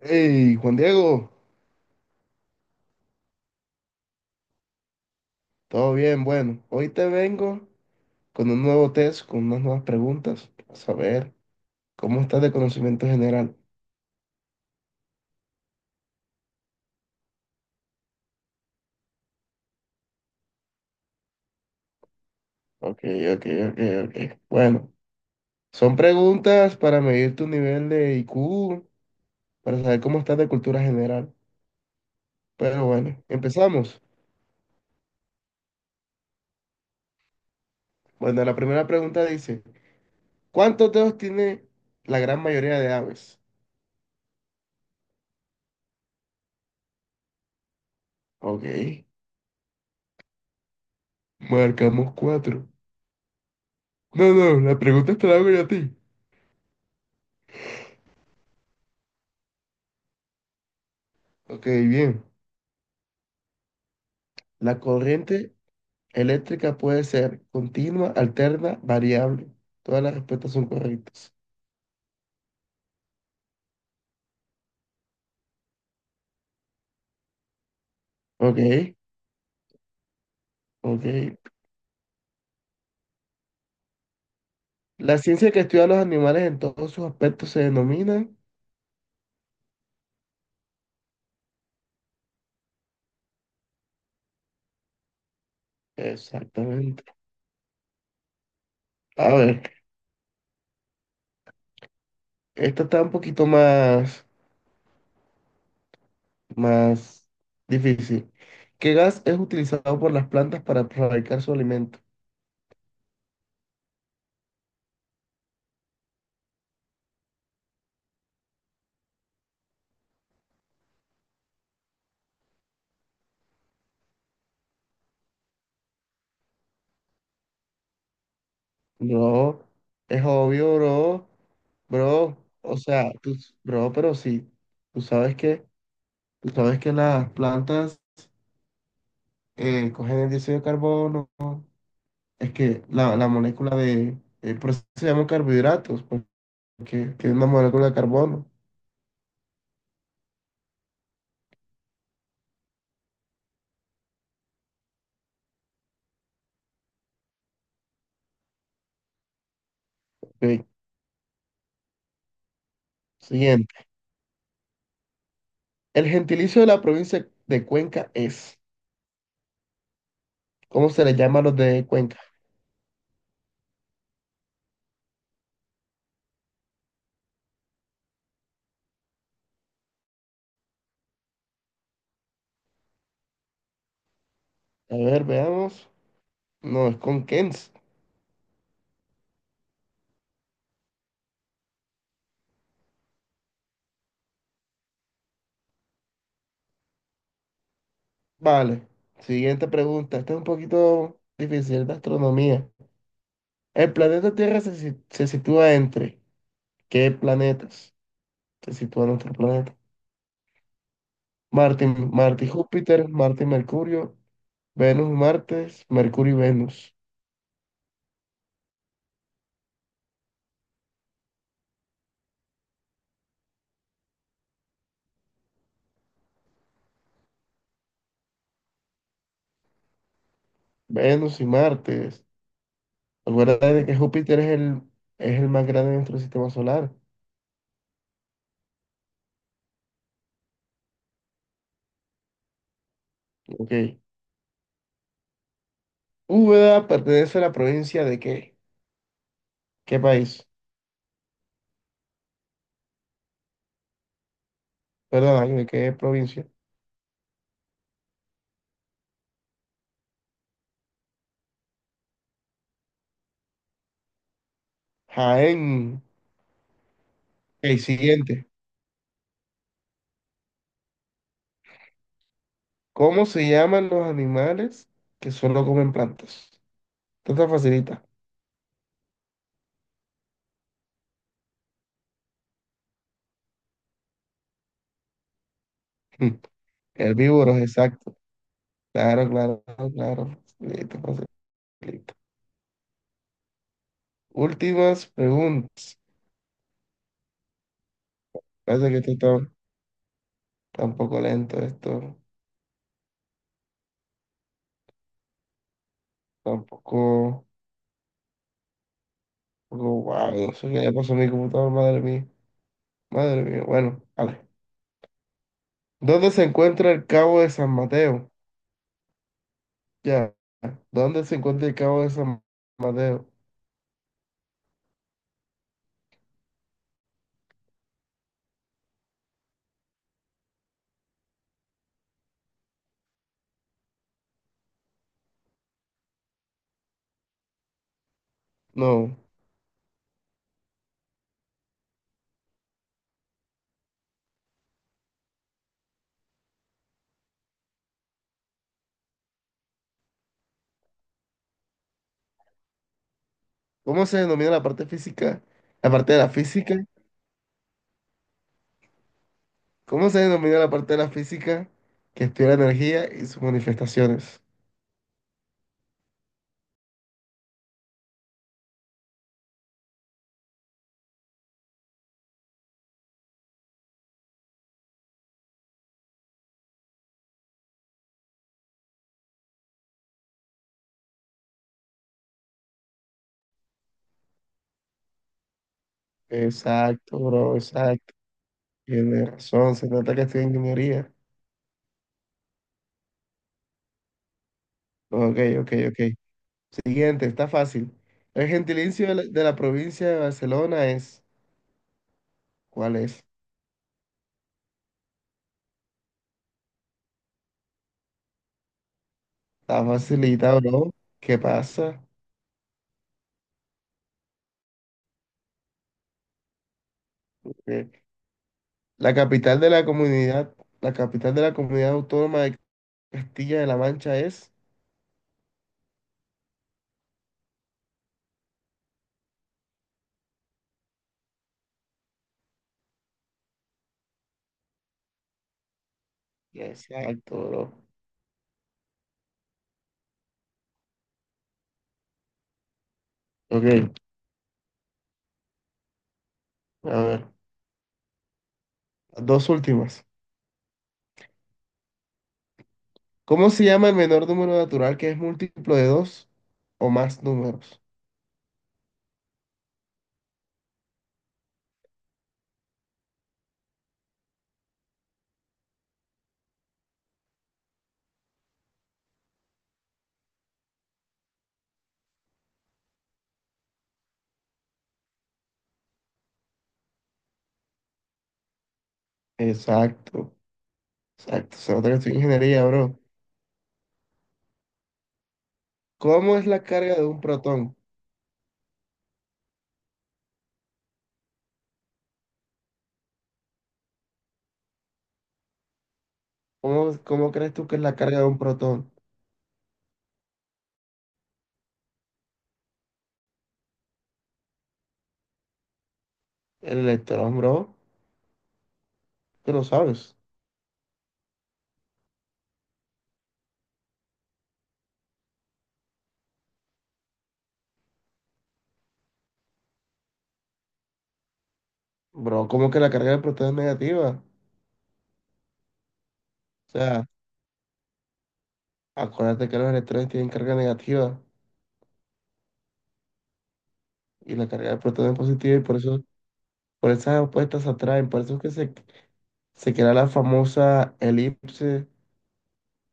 Hey, Juan Diego, todo bien, bueno, hoy te vengo con un nuevo test, con unas nuevas preguntas, a saber cómo estás de conocimiento general. Ok, ok, ok, ok. Bueno, son preguntas para medir tu nivel de IQ, para saber cómo estás de cultura general. Pero bueno, empezamos. Bueno, la primera pregunta dice, ¿cuántos dedos tiene la gran mayoría de aves? Ok, marcamos cuatro. No, no, la pregunta te la hago yo a ti. Ok, bien. La corriente eléctrica puede ser continua, alterna, variable. Todas las respuestas son correctas. Ok, ok. La ciencia que estudia a los animales en todos sus aspectos se denomina. Exactamente. A ver, esta está un poquito más difícil. ¿Qué gas es utilizado por las plantas para fabricar su alimento? Bro, es obvio, bro. Bro, o sea, tú, bro, pero sí. Tú sabes que. Tú sabes que las plantas cogen el dióxido de carbono, es que la molécula de, por eso se llaman carbohidratos, porque tiene una molécula de carbono. Ok, siguiente. El gentilicio de la provincia de Cuenca es, ¿cómo se le llama a los de Cuenca? A ver, veamos. No, es con Kens. Vale. Siguiente pregunta. Esta es un poquito difícil de astronomía. El planeta Tierra se, se sitúa entre ¿qué planetas? Se sitúa nuestro planeta. Marte, Marte y Júpiter, Marte y Mercurio, Venus y Marte, Mercurio y Venus, Venus y Marte. Acuérdate de que Júpiter es el más grande de nuestro sistema solar. Ok. ¿Úbeda pertenece a la provincia de qué? ¿Qué país? Perdón, ay, ¿de qué provincia? Jaén. El siguiente. ¿Cómo se llaman los animales que solo comen plantas? Esto está facilita. Herbívoros, exacto. Claro, claro, claro. Facilita, facilita. Últimas preguntas. Parece que está un poco lento, esto está un poco guau. No sé qué le pasó a mi computador, madre mía. Madre mía, bueno, vale. ¿Dónde se encuentra el Cabo de San Mateo? Ya. ¿Dónde se encuentra el Cabo de San Mateo? No. ¿Cómo se denomina la parte física? La parte de la física. ¿Cómo se denomina la parte de la física que estudia la energía y sus manifestaciones? Exacto, bro, exacto. Tiene razón, se nota que estudia ingeniería. Ok, ok, ok. Siguiente, está fácil. El gentilicio de la provincia de Barcelona es, ¿cuál es? Está facilitado, ¿no? ¿Qué pasa? Eh, La capital de la capital de la comunidad autónoma de Castilla de la Mancha es. Exacto, bro. Ok, a ver, las dos últimas. ¿Cómo se llama el menor número natural que es múltiplo de dos o más números? Exacto, exacto. Se nota que estoy en ingeniería, bro. ¿Cómo es la carga de un protón? ¿Cómo crees tú que es la carga de un protón? El electrón, bro, tú lo sabes. Bro, ¿cómo que la carga del protón es negativa? O sea, acuérdate que los electrones tienen carga negativa y la carga del protón es positiva por esas opuestas se atraen. Por eso es que se crea la famosa elipse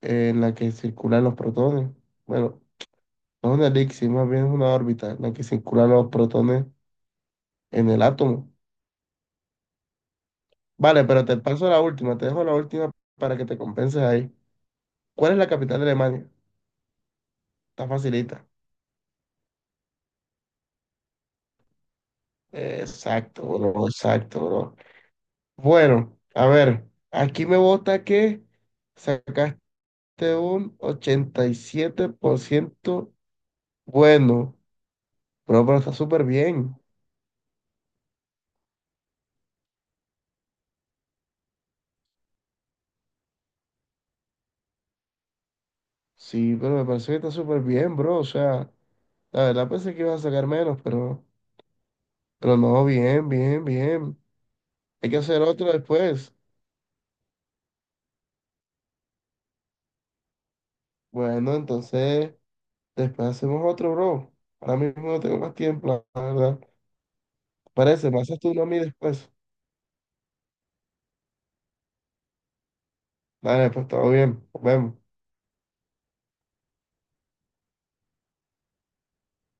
en la que circulan los protones. Bueno, no es una elipse, más bien es una órbita en la que circulan los protones en el átomo. Vale, pero te paso la última, te dejo la última para que te compenses ahí. ¿Cuál es la capital de Alemania? Está facilita. Exacto, bro, exacto, bro. Bueno, a ver, aquí me vota que sacaste un 87%. Bueno, bro, pero está súper bien. Sí, pero me parece que está súper bien, bro. O sea, la verdad pensé que ibas a sacar menos, pero no, bien, bien, bien. Hay que hacer otro después. Bueno, entonces, después hacemos otro, bro. Ahora mismo no tengo más tiempo, la verdad. Parece, me haces tú uno a mí después. Vale, pues todo bien, nos vemos.